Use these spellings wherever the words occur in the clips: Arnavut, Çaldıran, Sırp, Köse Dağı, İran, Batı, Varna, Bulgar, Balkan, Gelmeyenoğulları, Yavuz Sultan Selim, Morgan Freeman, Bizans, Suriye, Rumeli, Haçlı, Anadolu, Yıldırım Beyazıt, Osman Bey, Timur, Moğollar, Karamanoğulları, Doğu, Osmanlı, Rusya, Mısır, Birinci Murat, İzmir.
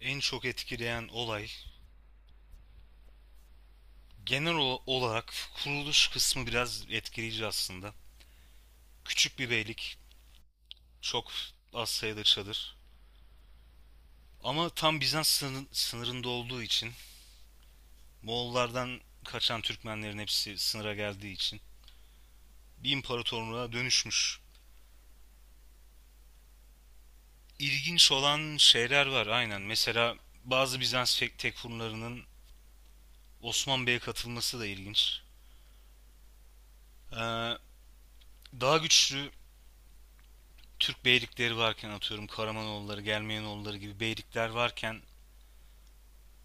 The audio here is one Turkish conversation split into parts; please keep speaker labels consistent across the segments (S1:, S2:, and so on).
S1: En çok etkileyen olay genel olarak kuruluş kısmı biraz etkileyici aslında. Küçük bir beylik, çok az sayıda çadır. Ama tam Bizans sınırında olduğu için Moğollardan kaçan Türkmenlerin hepsi sınıra geldiği için bir imparatorluğa dönüşmüş. İlginç olan şeyler var aynen. Mesela bazı Bizans tekfurlarının Osman Bey'e katılması da ilginç. Ee, Daha güçlü Türk beylikleri varken atıyorum Karamanoğulları, Gelmeyenoğulları gibi beylikler varken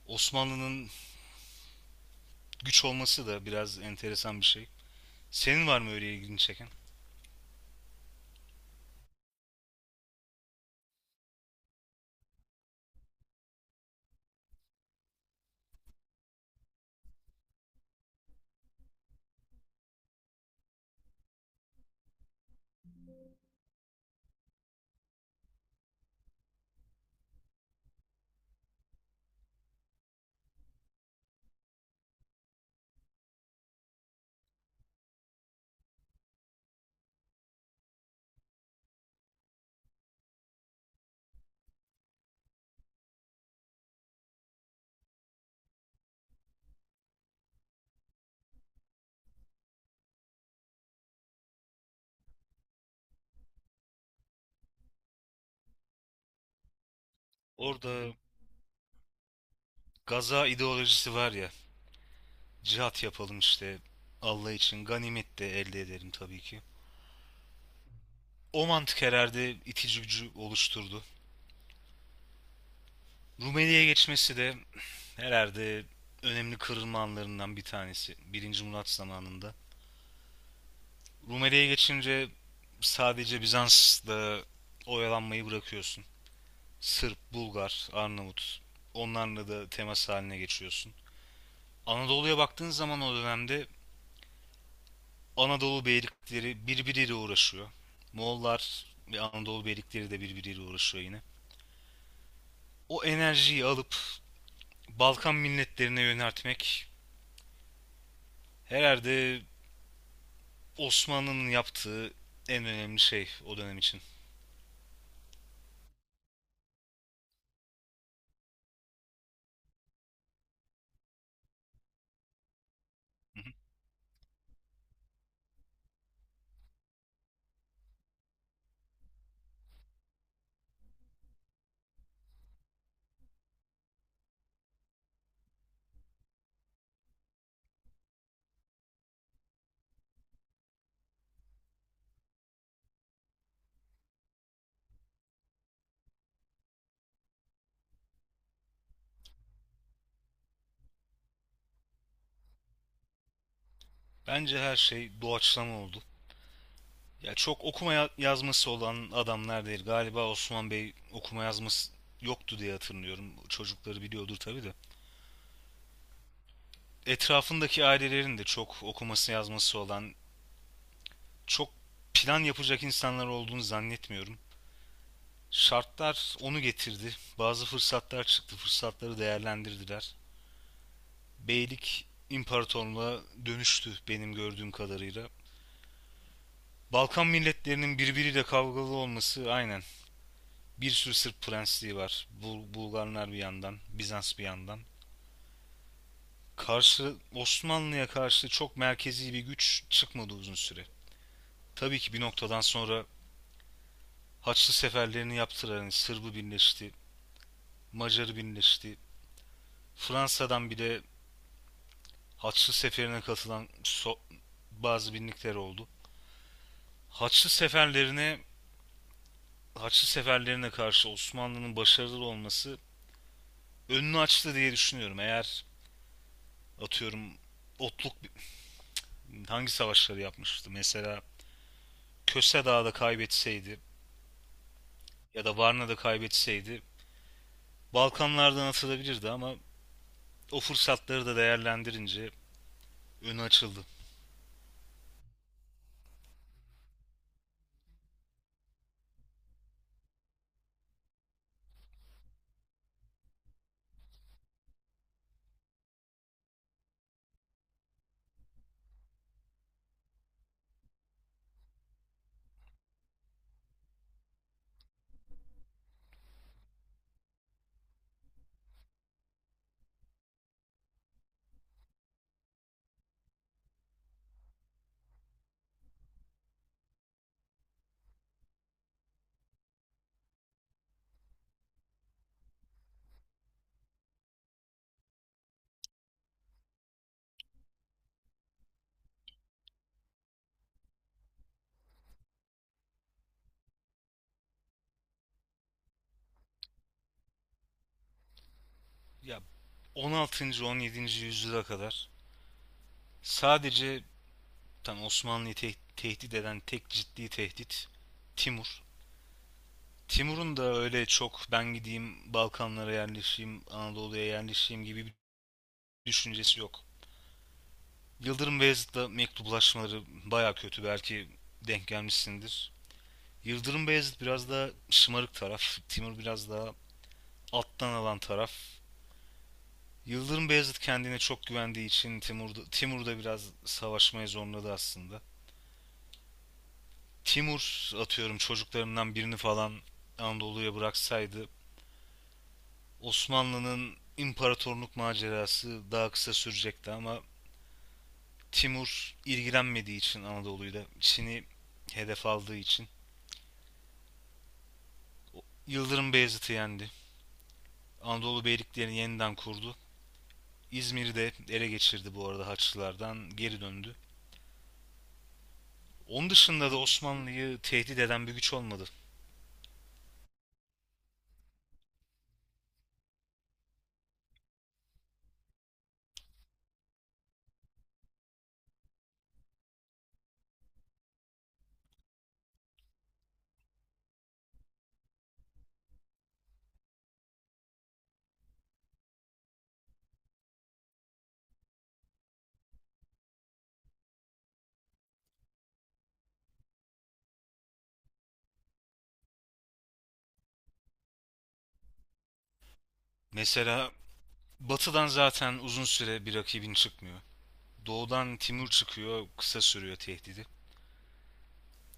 S1: Osmanlı'nın güç olması da biraz enteresan bir şey. Senin var mı öyle ilgini çeken? Orada gaza ideolojisi var ya. Cihat yapalım işte Allah için ganimet de elde edelim tabii ki. O mantık herhalde itici gücü oluşturdu. Rumeli'ye geçmesi de herhalde önemli kırılma anlarından bir tanesi. Birinci Murat zamanında. Rumeli'ye geçince sadece Bizans'la oyalanmayı bırakıyorsun. Sırp, Bulgar, Arnavut onlarla da temas haline geçiyorsun. Anadolu'ya baktığın zaman o dönemde Anadolu beylikleri birbiriyle uğraşıyor. Moğollar ve Anadolu beylikleri de birbiriyle uğraşıyor yine. O enerjiyi alıp Balkan milletlerine yöneltmek herhalde Osmanlı'nın yaptığı en önemli şey o dönem için. Hı hı. Bence her şey doğaçlama oldu. Ya çok okuma yazması olan adamlar değil. Galiba Osman Bey okuma yazması yoktu diye hatırlıyorum. Çocukları biliyordur tabii de. Etrafındaki ailelerin de çok okuması yazması olan, çok plan yapacak insanlar olduğunu zannetmiyorum. Şartlar onu getirdi. Bazı fırsatlar çıktı. Fırsatları değerlendirdiler. Beylik imparatorluğa dönüştü benim gördüğüm kadarıyla. Balkan milletlerinin birbiriyle kavgalı olması aynen. Bir sürü Sırp prensliği var. Bulgarlar bir yandan, Bizans bir yandan. Karşı Osmanlı'ya karşı çok merkezi bir güç çıkmadı uzun süre. Tabii ki bir noktadan sonra Haçlı seferlerini yaptılar. Yani Sırbı birleşti, Macarı birleşti. Fransa'dan bir de Haçlı seferine katılan bazı binlikler oldu. Haçlı seferlerine Haçlı seferlerine karşı Osmanlı'nın başarılı olması önünü açtı diye düşünüyorum. Eğer atıyorum otluk hangi savaşları yapmıştı? Mesela Köse Dağı'da kaybetseydi ya da Varna'da kaybetseydi Balkanlardan atılabilirdi ama o fırsatları da değerlendirince önü açıldı. Ya 16. 17. yüzyıla kadar sadece tam Osmanlı'yı tehdit eden tek ciddi tehdit Timur. Timur'un da öyle çok ben gideyim Balkanlara yerleşeyim, Anadolu'ya yerleşeyim gibi bir düşüncesi yok. Yıldırım Beyazıt'la mektuplaşmaları baya kötü belki denk gelmişsindir. Yıldırım Beyazıt biraz daha şımarık taraf, Timur biraz daha alttan alan taraf. Yıldırım Beyazıt kendine çok güvendiği için Timur da biraz savaşmaya zorladı aslında. Timur atıyorum çocuklarından birini falan Anadolu'ya bıraksaydı Osmanlı'nın imparatorluk macerası daha kısa sürecekti ama Timur ilgilenmediği için Anadolu'yu da Çin'i hedef aldığı için Yıldırım Beyazıt'ı yendi. Anadolu Beyliklerini yeniden kurdu. İzmir'i de ele geçirdi bu arada Haçlılardan geri döndü. Onun dışında da Osmanlı'yı tehdit eden bir güç olmadı. Mesela Batı'dan zaten uzun süre bir rakibin çıkmıyor. Doğu'dan Timur çıkıyor, kısa sürüyor tehdidi.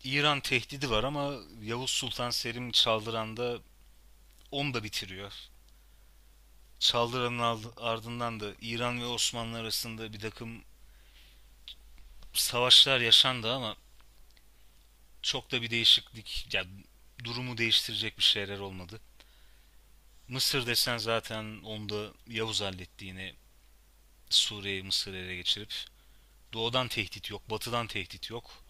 S1: İran tehdidi var ama Yavuz Sultan Selim Çaldıran'da onu da bitiriyor. Çaldıran'ın ardından da İran ve Osmanlı arasında bir takım savaşlar yaşandı ama çok da bir değişiklik, durumu değiştirecek bir şeyler olmadı. Mısır desen zaten onda Yavuz halletti yine Suriye'yi Mısır'ı ele geçirip. Doğudan tehdit yok, batıdan tehdit yok.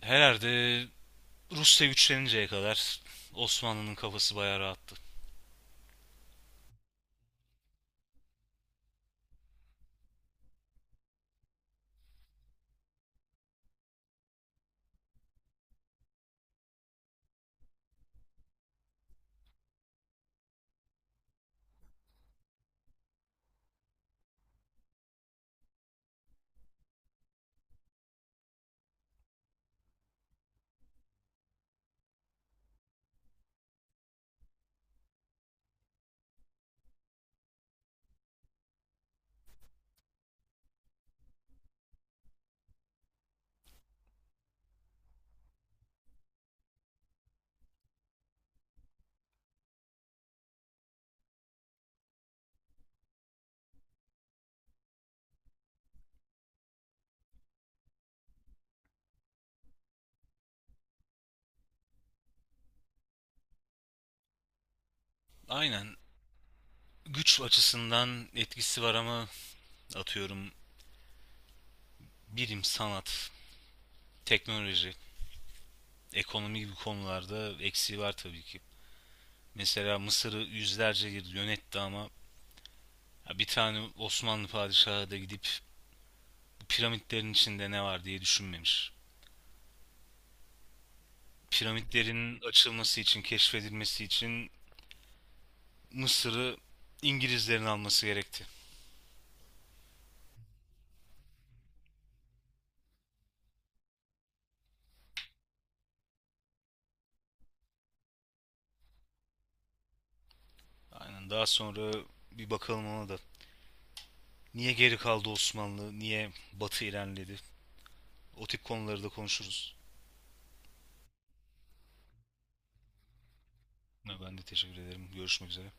S1: Herhalde Rusya güçleninceye kadar Osmanlı'nın kafası bayağı rahattı. Aynen, güç açısından etkisi var ama atıyorum bilim, sanat, teknoloji, ekonomi gibi konularda eksiği var tabii ki. Mesela Mısır'ı yüzlerce yıl yönetti ama bir tane Osmanlı padişahı da gidip bu piramitlerin içinde ne var diye düşünmemiş. Piramitlerin açılması için, keşfedilmesi için Mısır'ı İngilizlerin alması gerekti. Aynen, daha sonra bir bakalım ona da. Niye geri kaldı Osmanlı? Niye Batı ilerledi? O tip konuları da konuşuruz. Ben de teşekkür ederim. Görüşmek üzere.